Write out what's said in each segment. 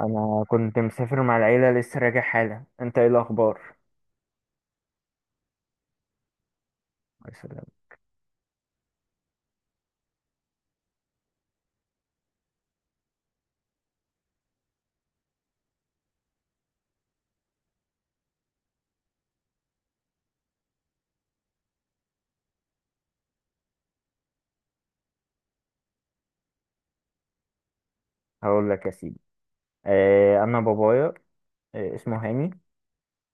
انا كنت مسافر مع العيله، لسه راجع حالا. انت ايه الاخبار؟ يا سلام. هقول لك يا سيدي. انا بابايا، اسمه هاني.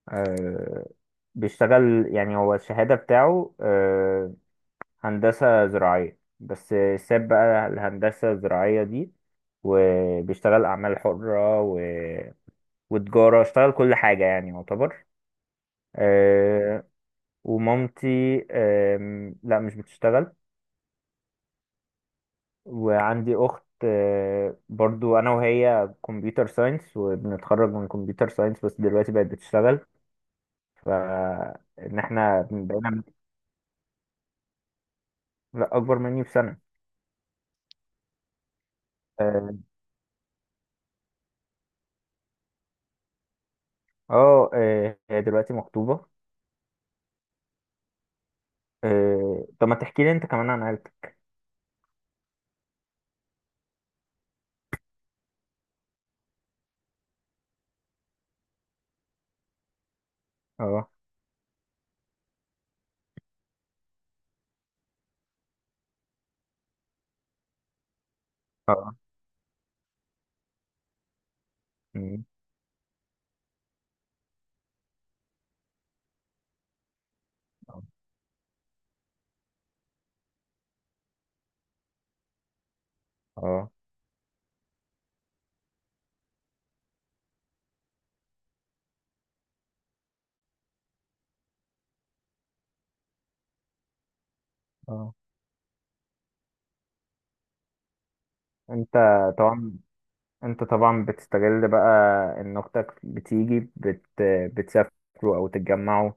آه بيشتغل، يعني هو الشهاده بتاعه هندسه زراعيه، بس ساب بقى الهندسه الزراعيه دي، وبيشتغل اعمال حره وتجاره، اشتغل كل حاجه يعني يعتبر. آه ومامتي، لا مش بتشتغل. وعندي اخت، برضو انا وهي كمبيوتر ساينس، وبنتخرج من كمبيوتر ساينس بس دلوقتي بقت بتشتغل. فان احنا بقينا. لا، اكبر مني بسنة. اه. هي دلوقتي مخطوبة. طب ما تحكي لي انت كمان عن عيلتك؟ اه، اه. مم. اه، اه. آه. انت طبعا انت طبعا بتستغل بقى، ان اختك بتيجي بتسافروا او تتجمعوا،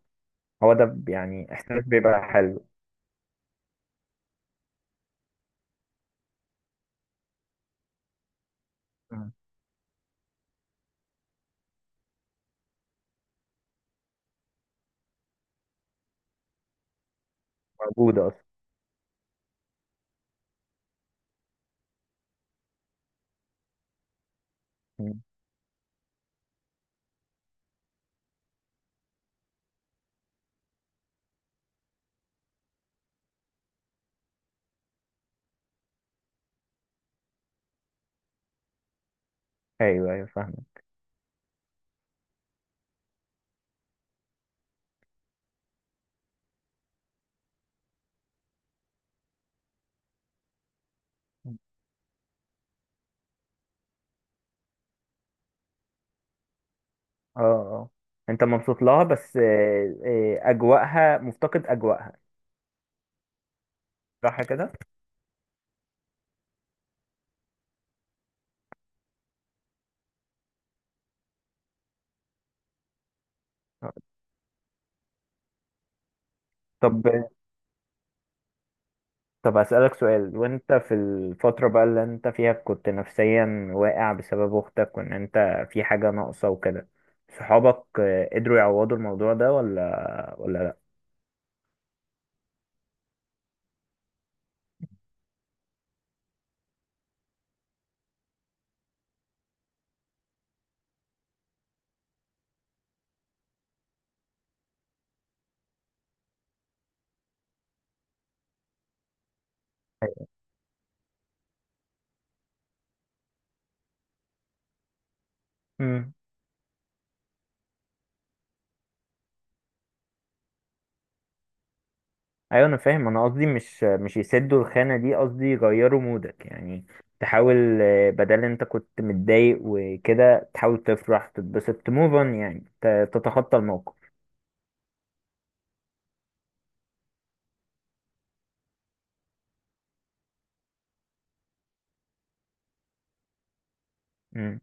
هو ده يعني، احساس بيبقى حلو. موجودة أصلا. مم. أيوه، أيوه، فاهمك. اه، اه. أنت مبسوط لها بس أجواءها، مفتقد أجواءها. صح كده؟ آه. طب طب هسألك سؤال، وأنت في الفترة بقى اللي أنت فيها، كنت نفسيا واقع بسبب أختك، وإن أنت في حاجة ناقصة وكده، صحابك قدروا يعوضوا الموضوع ده، ولا لأ؟ مم. ايوه، انا فاهم، انا قصدي مش يسدوا الخانه دي، قصدي يغيروا مودك يعني. تحاول، بدل انت كنت متضايق وكده، تحاول تفرح تتبسط تموف اون، يعني تتخطى الموقف. امم.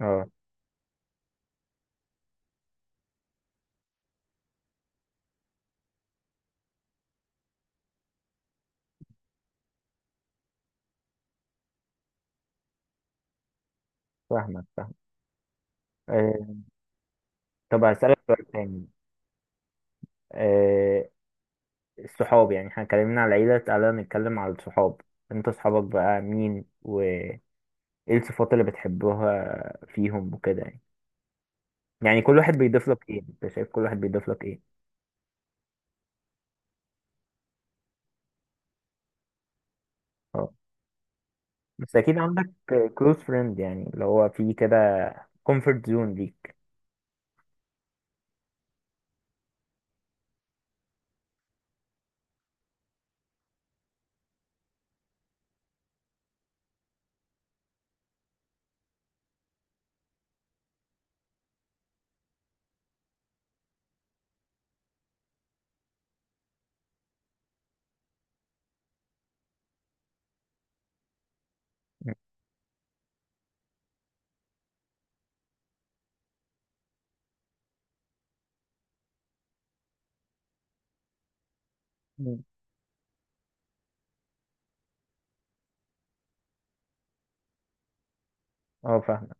اه فاهمك، فاهم. آه طب هسألك سؤال تاني. آه الصحاب، يعني احنا اتكلمنا على العيله، تعالى نتكلم على الصحاب. انت صحابك بقى مين؟ وايه الصفات اللي بتحبوها فيهم وكده يعني؟ يعني كل واحد بيضيف لك ايه؟ انت شايف كل واحد بيضيف لك ايه؟ اه. بس اكيد عندك كلوز فريند، يعني اللي هو في كده كومفورت زون ليك. مم. اه، فاهمة.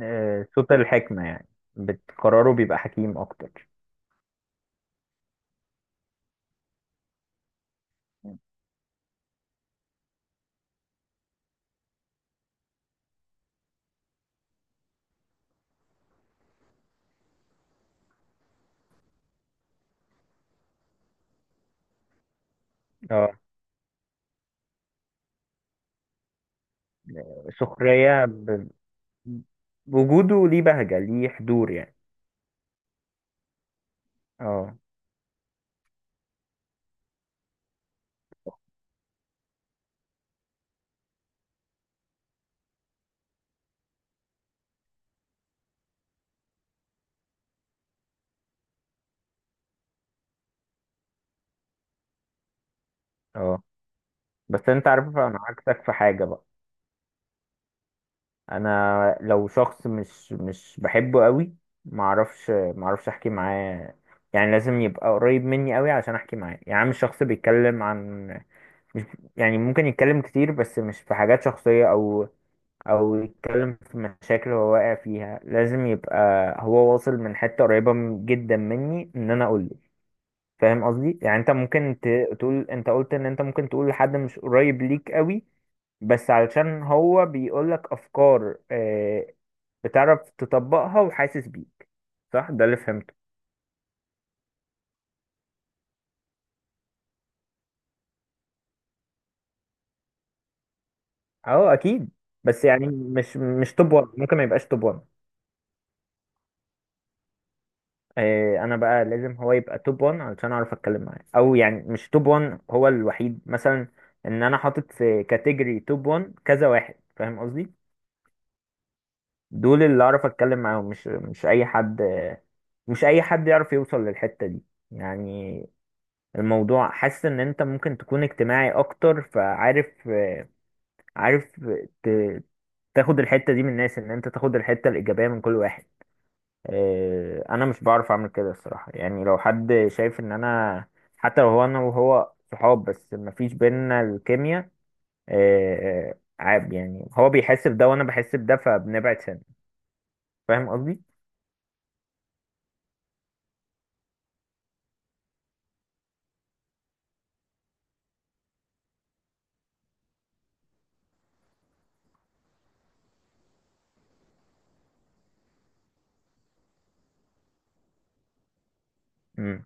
صوت الحكمة يعني، بتقراره بيبقى حكيم اكتر. مم. اه. سخرية وجوده ليه بهجة، ليه حضور يعني. اه، اه. بس انت عارف، انا عكسك في حاجة بقى. انا لو شخص مش بحبه قوي، معرفش احكي معاه، يعني لازم يبقى قريب مني قوي عشان احكي معاه، يعني مش شخص بيتكلم عن، مش، يعني ممكن يتكلم كتير بس مش في حاجات شخصية، أو يتكلم في مشاكل هو واقع فيها، لازم يبقى هو واصل من حتة قريبة جدا مني، إن أنا أقوله. فاهم قصدي؟ يعني أنت ممكن تقول، أنت قلت إن أنت ممكن تقول لحد مش قريب ليك قوي، بس علشان هو بيقولك أفكار بتعرف تطبقها وحاسس بيك. صح؟ ده اللي فهمته. أه، أكيد. بس يعني مش توب 1، ممكن ما يبقاش توب 1. انا بقى لازم هو يبقى توب 1 علشان اعرف اتكلم معاه، او يعني مش توب 1 هو الوحيد مثلا، ان انا حاطط في كاتيجوري توب 1 كذا واحد، فاهم قصدي؟ دول اللي اعرف اتكلم معاهم، مش اي حد، مش اي حد يعرف يوصل للحتة دي، يعني. الموضوع، حاسس ان انت ممكن تكون اجتماعي اكتر، فعارف عارف ت- تاخد الحتة دي من الناس، ان انت تاخد الحتة الإيجابية من كل واحد. إيه، انا مش بعرف اعمل كده الصراحه، يعني لو حد شايف ان انا، حتى لو هو انا وهو صحاب بس مفيش بينا الكيمياء، إيه، عيب يعني، هو بيحس بده وانا بحس بده، فبنبعد سنة. فاهم قصدي؟ امم.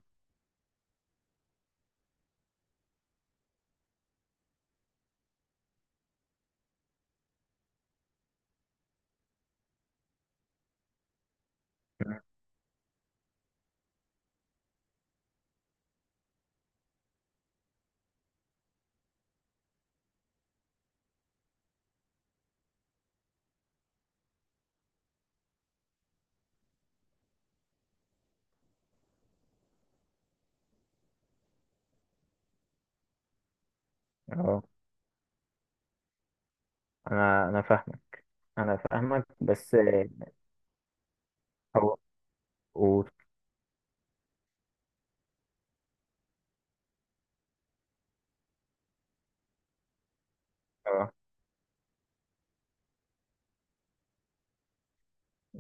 اه، انا فاهمك، انا فاهمك، بس إيه، هو قول. اه.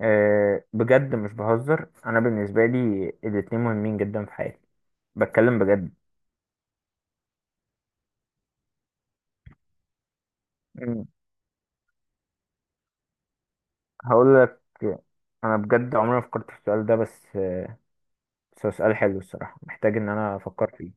إيه، بجد مش بهزر، انا بالنسبه لي الاتنين مهمين جدا في حياتي، بتكلم بجد. مم. هقول لك، انا بجد عمري ما فكرت في السؤال ده، بس سؤال حلو الصراحة، محتاج إن أنا أفكر فيه.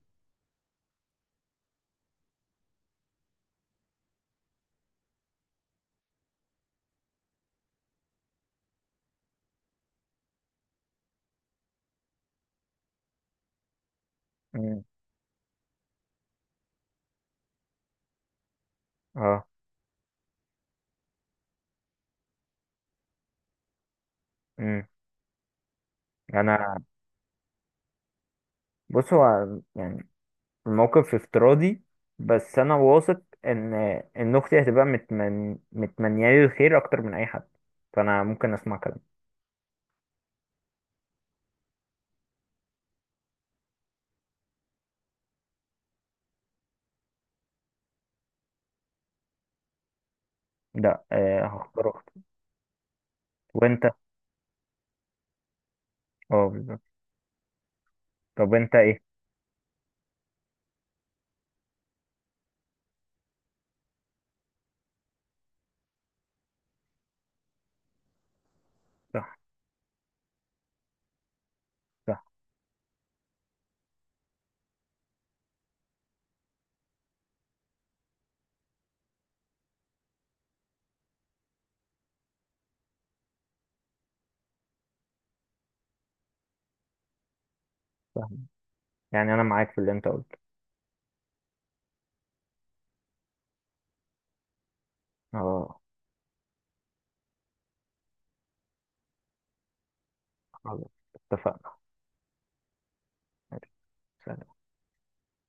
مم. اه. مم. يعني أنا، بص هو، يعني الموقف افتراضي، بس أنا واثق إن أختي هتبقى متمنيالي الخير أكتر من أي حد، فأنا ممكن أسمع كلام. لا، هختار أختي. وأنت، اه بالظبط. طب أنت إيه؟ صح، صح، صح. يعني أنا معاك في اللي أنت قلته. اه. خلاص، اتفقنا. ماشي. سلام.